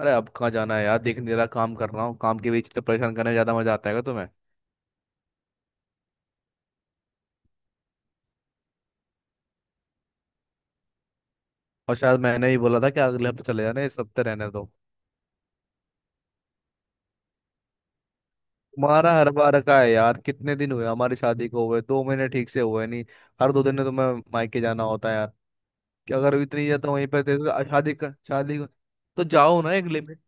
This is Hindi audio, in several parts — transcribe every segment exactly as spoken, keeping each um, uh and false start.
अरे अब कहाँ जाना है यार। देख नहीं रहा काम कर रहा हूँ। काम के बीच तो परेशान करने में ज्यादा मजा आता है तुम्हें। और शायद मैंने ही बोला था कि अगले हफ्ते चले जाना, इस हफ्ते रहने दो। तुम्हारा हर बार का है यार। कितने दिन हुए हमारी शादी को? हुए दो महीने ठीक से हुए नहीं। हर दो दिन में तुम्हें मायके जाना होता है यार। कि अगर इतनी ज्यादा वहीं पर तो शादी का शादी का- तो जाओ ना। एक लिमिट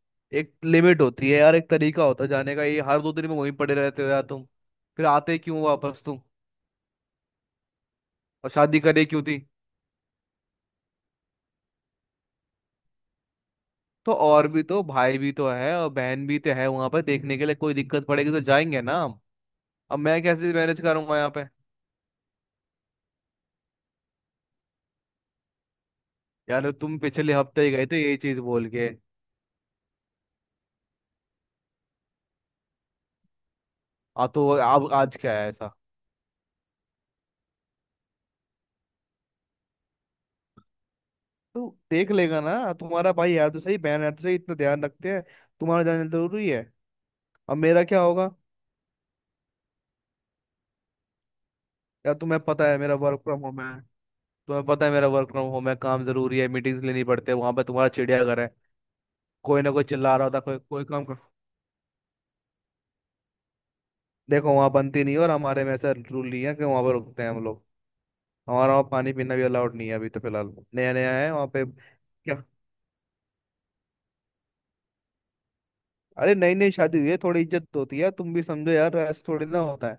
एक लिमिट होती है यार। एक तरीका होता है जाने का। ये हर दो दिन में वहीं पड़े रहते हो यार तुम। फिर आते क्यों वापस तुम? और शादी करे क्यों थी? तो और भी तो भाई भी तो है और बहन भी तो है वहां पर देखने के लिए। कोई दिक्कत पड़ेगी तो जाएंगे ना हम। अब मैं कैसे मैनेज करूंगा यहाँ पे। यार तुम पिछले हफ्ते ही गए थे यही चीज बोल के। अब तो अब आज क्या है ऐसा? तो देख लेगा ना। तुम्हारा भाई है तो सही, बहन है तो सही, इतना ध्यान रखते हैं। तुम्हारा जाना जरूरी है। अब मेरा क्या होगा? यार तुम्हें पता है मेरा वर्क फ्रॉम होम है। तुम्हें पता है मेरा वर्क फ्रॉम होम है, काम जरूरी है, मीटिंग्स लेनी पड़ते हैं। वहां पे तुम्हारा चिड़ियाघर है। कोई ना कोई चिल्ला रहा होता, कोई कोई काम कर। देखो वहां बनती नहीं है, और हमारे में ऐसा रूल नहीं है कि वहां पर रुकते हैं हम लोग। हमारा वहाँ पानी पीना भी अलाउड नहीं है, अभी तो फिलहाल नया नया है वहाँ पे। क्या? अरे नई नई शादी हुई है, थोड़ी इज्जत तो होती है यार, तुम भी समझो यार, ऐसे थोड़ी ना होता है।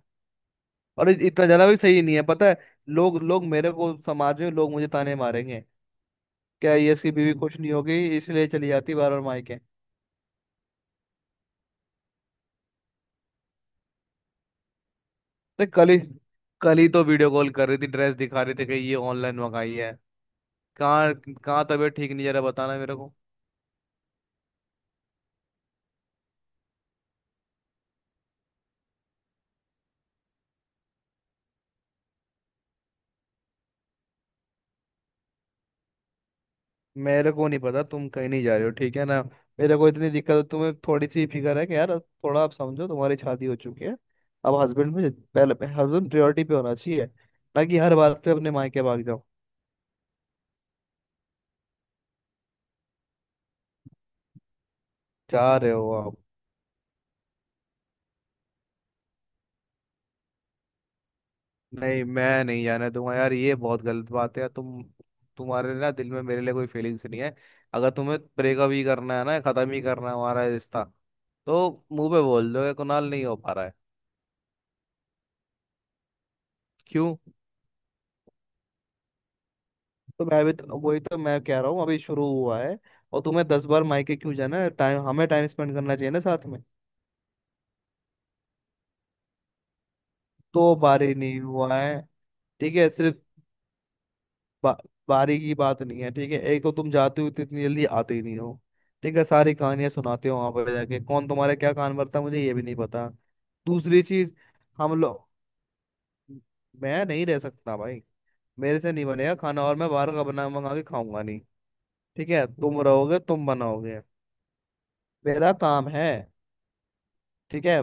और इ- इतना ज्यादा भी सही नहीं है, पता है। लोग लोग मेरे को समाज में लोग मुझे ताने मारेंगे। क्या ये इसकी बीवी खुश नहीं होगी इसलिए चली जाती बार बार मायके। अरे कल ही, कल ही तो वीडियो कॉल कर रही थी, ड्रेस दिखा रही थी कि ये ऑनलाइन मंगाई है। कहाँ? कहाँ तबीयत ठीक नहीं, जरा बताना मेरे को। मेरे को नहीं पता, तुम कहीं नहीं जा रहे हो, ठीक है ना। मेरे को इतनी दिक्कत है, तुम्हें थोड़ी सी फिक्र है कि यार अब थोड़ा आप समझो, तुम्हारी शादी हो चुकी है। अब हस्बैंड में पहले हस्बैंड प्रायोरिटी पे होना चाहिए, ना कि हर बात पे अपने मायके भाग जाओ। जा रहे हो आप? नहीं, मैं नहीं जाना दूंगा यार, ये बहुत गलत बात है यार। तुम तुम्हारे ना दिल में मेरे लिए कोई फीलिंग्स नहीं है। अगर तुम्हें ब्रेकअप ही करना है ना, खत्म ही करना है हमारा रिश्ता, तो मुंह पे बोल दो कि कुणाल नहीं हो पा रहा है। क्यों? तो मैं भी तो वही तो मैं कह रहा हूँ अभी शुरू हुआ है। और तुम्हें दस बार मायके क्यों जाना है? टाइम हमें टाइम स्पेंड करना चाहिए ना साथ में। तो बारी नहीं हुआ है। ठीक है। सिर्फ बा, बारी की बात नहीं है, ठीक है। एक तो तुम जाते हो तो इतनी जल्दी आते ही नहीं हो, ठीक है। सारी कहानियां सुनाते हो वहां पर जाके, कौन तुम्हारे क्या कान भरता है, मुझे ये भी नहीं पता। दूसरी चीज, हम लोग मैं नहीं रह सकता भाई। मेरे से नहीं बनेगा खाना, और मैं बाहर का बना मंगा के खाऊंगा नहीं। ठीक है तुम रहोगे, तुम बनाओगे, मेरा काम है। ठीक है?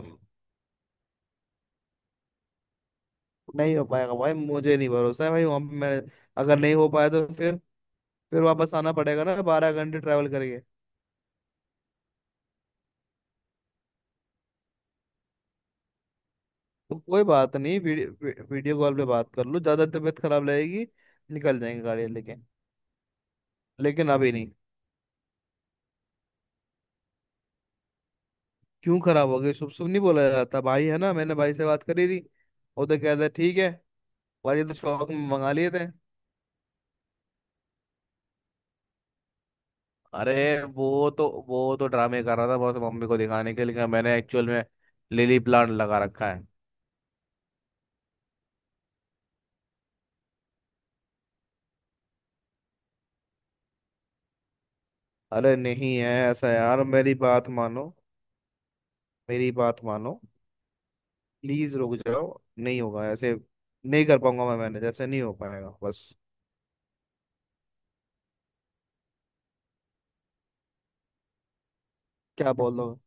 नहीं हो पाएगा भाई, मुझे नहीं भरोसा है भाई वहां पे मैं। अगर नहीं हो पाया तो फिर फिर वापस आना पड़ेगा ना बारह घंटे ट्रैवल करके। तो कोई बात नहीं, वीडियो वी- वीडियो कॉल पे बात कर लो, ज्यादा तबीयत खराब लगेगी निकल जाएंगे गाड़ी लेके, लेकिन अभी नहीं। क्यों खराब हो गई? शुभ शुभ नहीं बोला जाता भाई, है ना। मैंने भाई से बात करी थी, वो तो कहता है, ठीक है भाई, ये तो शौक में मंगा लिए थे। अरे वो तो वो तो ड्रामे कर रहा था, बस मम्मी को दिखाने के लिए। मैंने एक्चुअल में लिली प्लांट लगा रखा है। अरे नहीं है ऐसा यार, मेरी बात मानो, मेरी बात मानो, प्लीज रुक जाओ। नहीं होगा ऐसे, नहीं कर पाऊंगा मैं मैनेज, ऐसे नहीं हो पाएगा बस। क्या बोल रहे हो?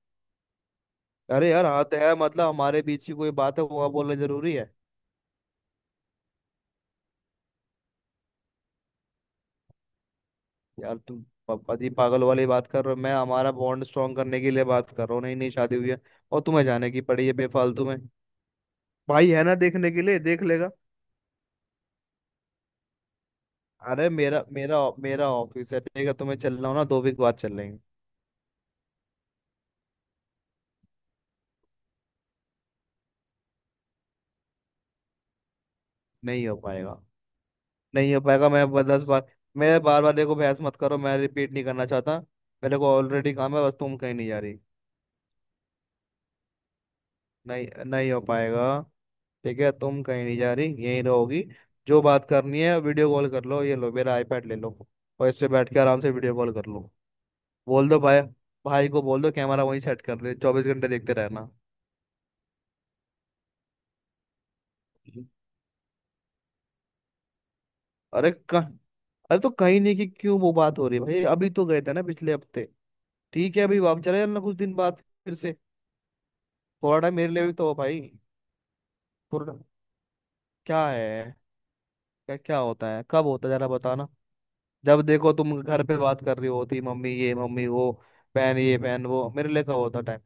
अरे यार हाथ है, मतलब हमारे बीच की कोई बात है वो बोलना जरूरी है? यार तुम प- पति पागल वाली बात कर रहे हो। मैं हमारा बॉन्ड स्ट्रॉन्ग करने के लिए बात कर रहा हूँ, नहीं नहीं शादी हुई है और तुम्हें जाने की पड़ी है बेफालतू में। भाई है ना देखने के लिए, देख लेगा। अरे मेरा मेरा मेरा ऑफिस है, ठीक है? तुम्हें चलना हो ना दो वीक बाद चल लेंगे। नहीं हो पाएगा। नहीं हो पाएगा। मैं ब- दस बार, मेरे बार बार देखो, बहस मत करो, मैं रिपीट नहीं करना चाहता। मेरे को ऑलरेडी काम है, बस तुम कहीं नहीं जा रही। नहीं, नहीं हो पाएगा। ठीक है, तुम कहीं नहीं जा रही, यहीं रहोगी। जो बात करनी है वीडियो कॉल कर लो, ये लो मेरा आईपैड ले लो और इससे बैठ के आराम से वीडियो कॉल कर लो। बोल दो भाई, भाई को बोल दो कैमरा वहीं सेट कर दे, चौबीस घंटे देखते रहना। अरे कह अरे तो कहीं नहीं, कि क्यों वो बात हो रही है भाई, अभी तो गए थे ना पिछले हफ्ते। ठीक है, अभी वापस चले जाना कुछ दिन बाद फिर से। थोड़ा टाइम मेरे लिए भी तो हो भाई। पुरना क्या है? क्या क्या होता है, कब होता है, जरा बताना? जब देखो तुम घर पे बात कर रही होती, मम्मी ये मम्मी वो, पहन ये पहन वो, मेरे लिए कब होता टाइम?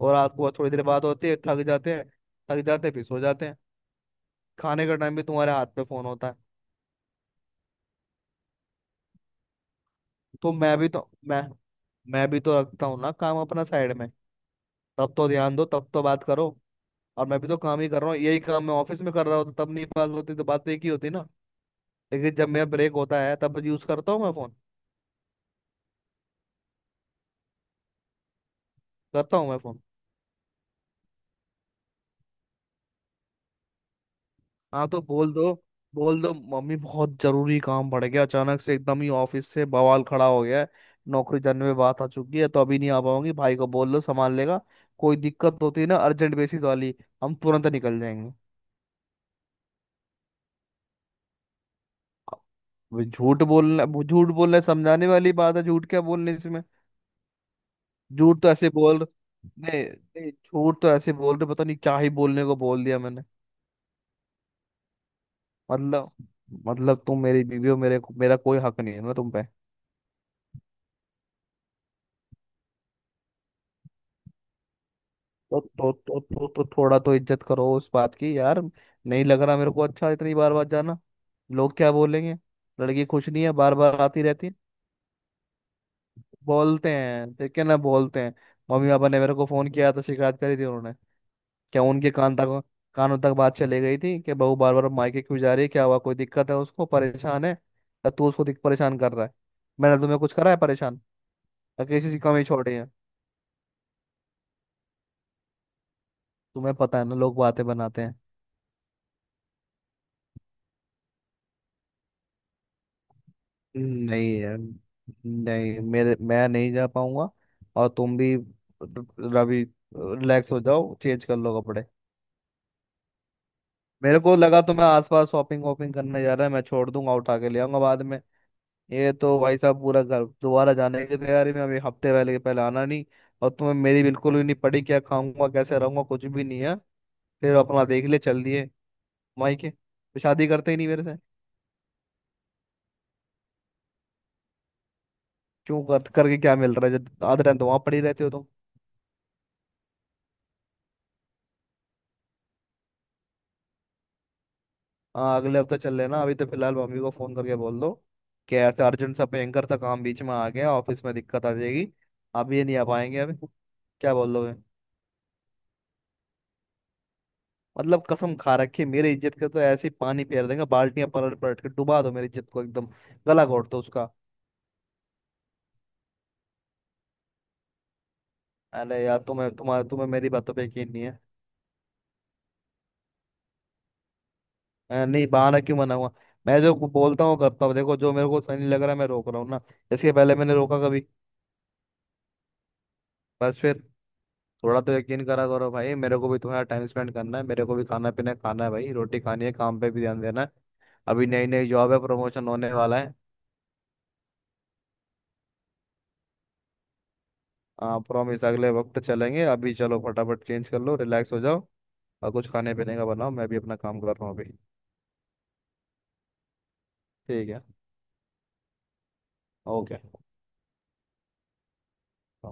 और रात को थोड़ी देर बात होती है, थक जाते हैं, थक जाते हैं फिर सो जाते हैं। खाने का टाइम भी तुम्हारे हाथ पे फोन होता है। तो मैं भी तो मैं मैं भी तो रखता हूँ ना काम अपना साइड में। तब तो ध्यान दो, तब तो बात करो। और मैं भी तो काम ही कर रहा हूँ, यही काम मैं ऑफिस में कर रहा होता तब नहीं बात होती, तो बात तो एक ही होती ना। लेकिन जब मेरा ब्रेक होता है तब यूज करता हूँ मैं फोन, करता हूँ मैं फोन। हाँ तो बोल दो, बोल दो मम्मी बहुत जरूरी काम पड़ गया अचानक से, एकदम ही ऑफिस से बवाल खड़ा हो गया है, नौकरी जाने में बात आ चुकी है तो अभी नहीं आ पाऊंगी, भाई को बोल लो संभाल लेगा। कोई दिक्कत होती है ना अर्जेंट बेसिस वाली, हम तुरंत निकल जाएंगे। अब झूठ बोलना, झूठ बोलना समझाने वाली बात है, झूठ क्या बोलने इसमें। झूठ तो ऐसे बोल नहीं नहीं, झूठ तो ऐसे बोल रहे, पता नहीं क्या ही बोलने को बोल दिया मैंने। मतलब मतलब तुम मेरी बीवी हो, मेरे मेरा कोई हक नहीं है ना तुम पे। तो तो तो, तो, तो थोड़ा तो इज्जत करो उस बात की यार। नहीं लग रहा मेरे को अच्छा इतनी बार बार जाना। लोग क्या बोलेंगे? लड़की खुश नहीं है बार बार आती रहती है। बोलते हैं देखे ना बोलते हैं। मम्मी पापा ने मेरे को फोन किया तो शिकायत करी थी उन्होंने। क्या उनके कान तक कानों तक बात चली गई थी कि बहू बार बार मायके क्यों जा रही है, क्या हुआ कोई दिक्कत है उसको, परेशान है या तू उसको दिक- परेशान कर रहा है। मैंने तुम्हें कुछ करा है परेशान या किसी से कमी छोड़ी है? तुम्हें पता है ना लोग बातें बनाते हैं। नहीं है, नहीं मेरे मैं नहीं जा पाऊंगा। और तुम भी, रवि, रिलैक्स हो जाओ, चेंज कर लो कपड़े। मेरे को लगा तो मैं आसपास शॉपिंग वॉपिंग करने जा रहा है, मैं छोड़ दूंगा उठा के ले आऊंगा बाद में। ये तो भाई साहब पूरा घर दोबारा जाने की तैयारी में, अभी हफ्ते पहले के पहले आना नहीं। और तुम्हें मेरी बिल्कुल भी नहीं पड़ी, क्या खाऊंगा कैसे रहूंगा कुछ भी नहीं है, फिर अपना देख ले चल दिए। माई के तो शादी करते ही नहीं मेरे से। क्यों कर करके क्या मिल रहा है जब आधे टाइम तो वहां पड़ी रहते हो तुम। हाँ अगले हफ्ते चल लेना, अभी तो फिलहाल मम्मी को फोन करके बोल दो कि ऐसे अर्जेंट सा भयंकर सा काम बीच में आ गया, ऑफिस में दिक्कत आ जाएगी, अब ये नहीं आ पाएंगे अभी। क्या बोल दोगे? मतलब कसम खा रखी है, मेरी इज्जत के तो ऐसे ही पानी फेर देंगे, बाल्टियां पलट पलट के डुबा दो मेरी इज्जत को एकदम, गला घोट दो उसका। अरे यार तुम्हें तुम्हारा तुम्हें मेरी बातों पे यकीन नहीं है। अ, नहीं बहाना क्यों बनाऊंगा। मैं जो बोलता हूँ करता हूँ, देखो जो मेरे को सही नहीं लग रहा है मैं रोक रहा हूँ ना। इसके पहले मैंने रोका कभी? बस फिर, थोड़ा तो यकीन करा करो भाई, मेरे को भी तुम्हारा टाइम स्पेंड करना है, मेरे को भी खाना पीना खाना है भाई, रोटी खानी है, काम पे भी ध्यान देना है, अभी नई नई जॉब है, प्रमोशन होने वाला है। आ, प्रॉमिस अगले वक्त चलेंगे, अभी चलो फटाफट चेंज कर लो रिलैक्स हो जाओ, और कुछ खाने पीने का बनाओ, मैं भी अपना काम कर रहा हूँ अभी। ठीक है, ओके।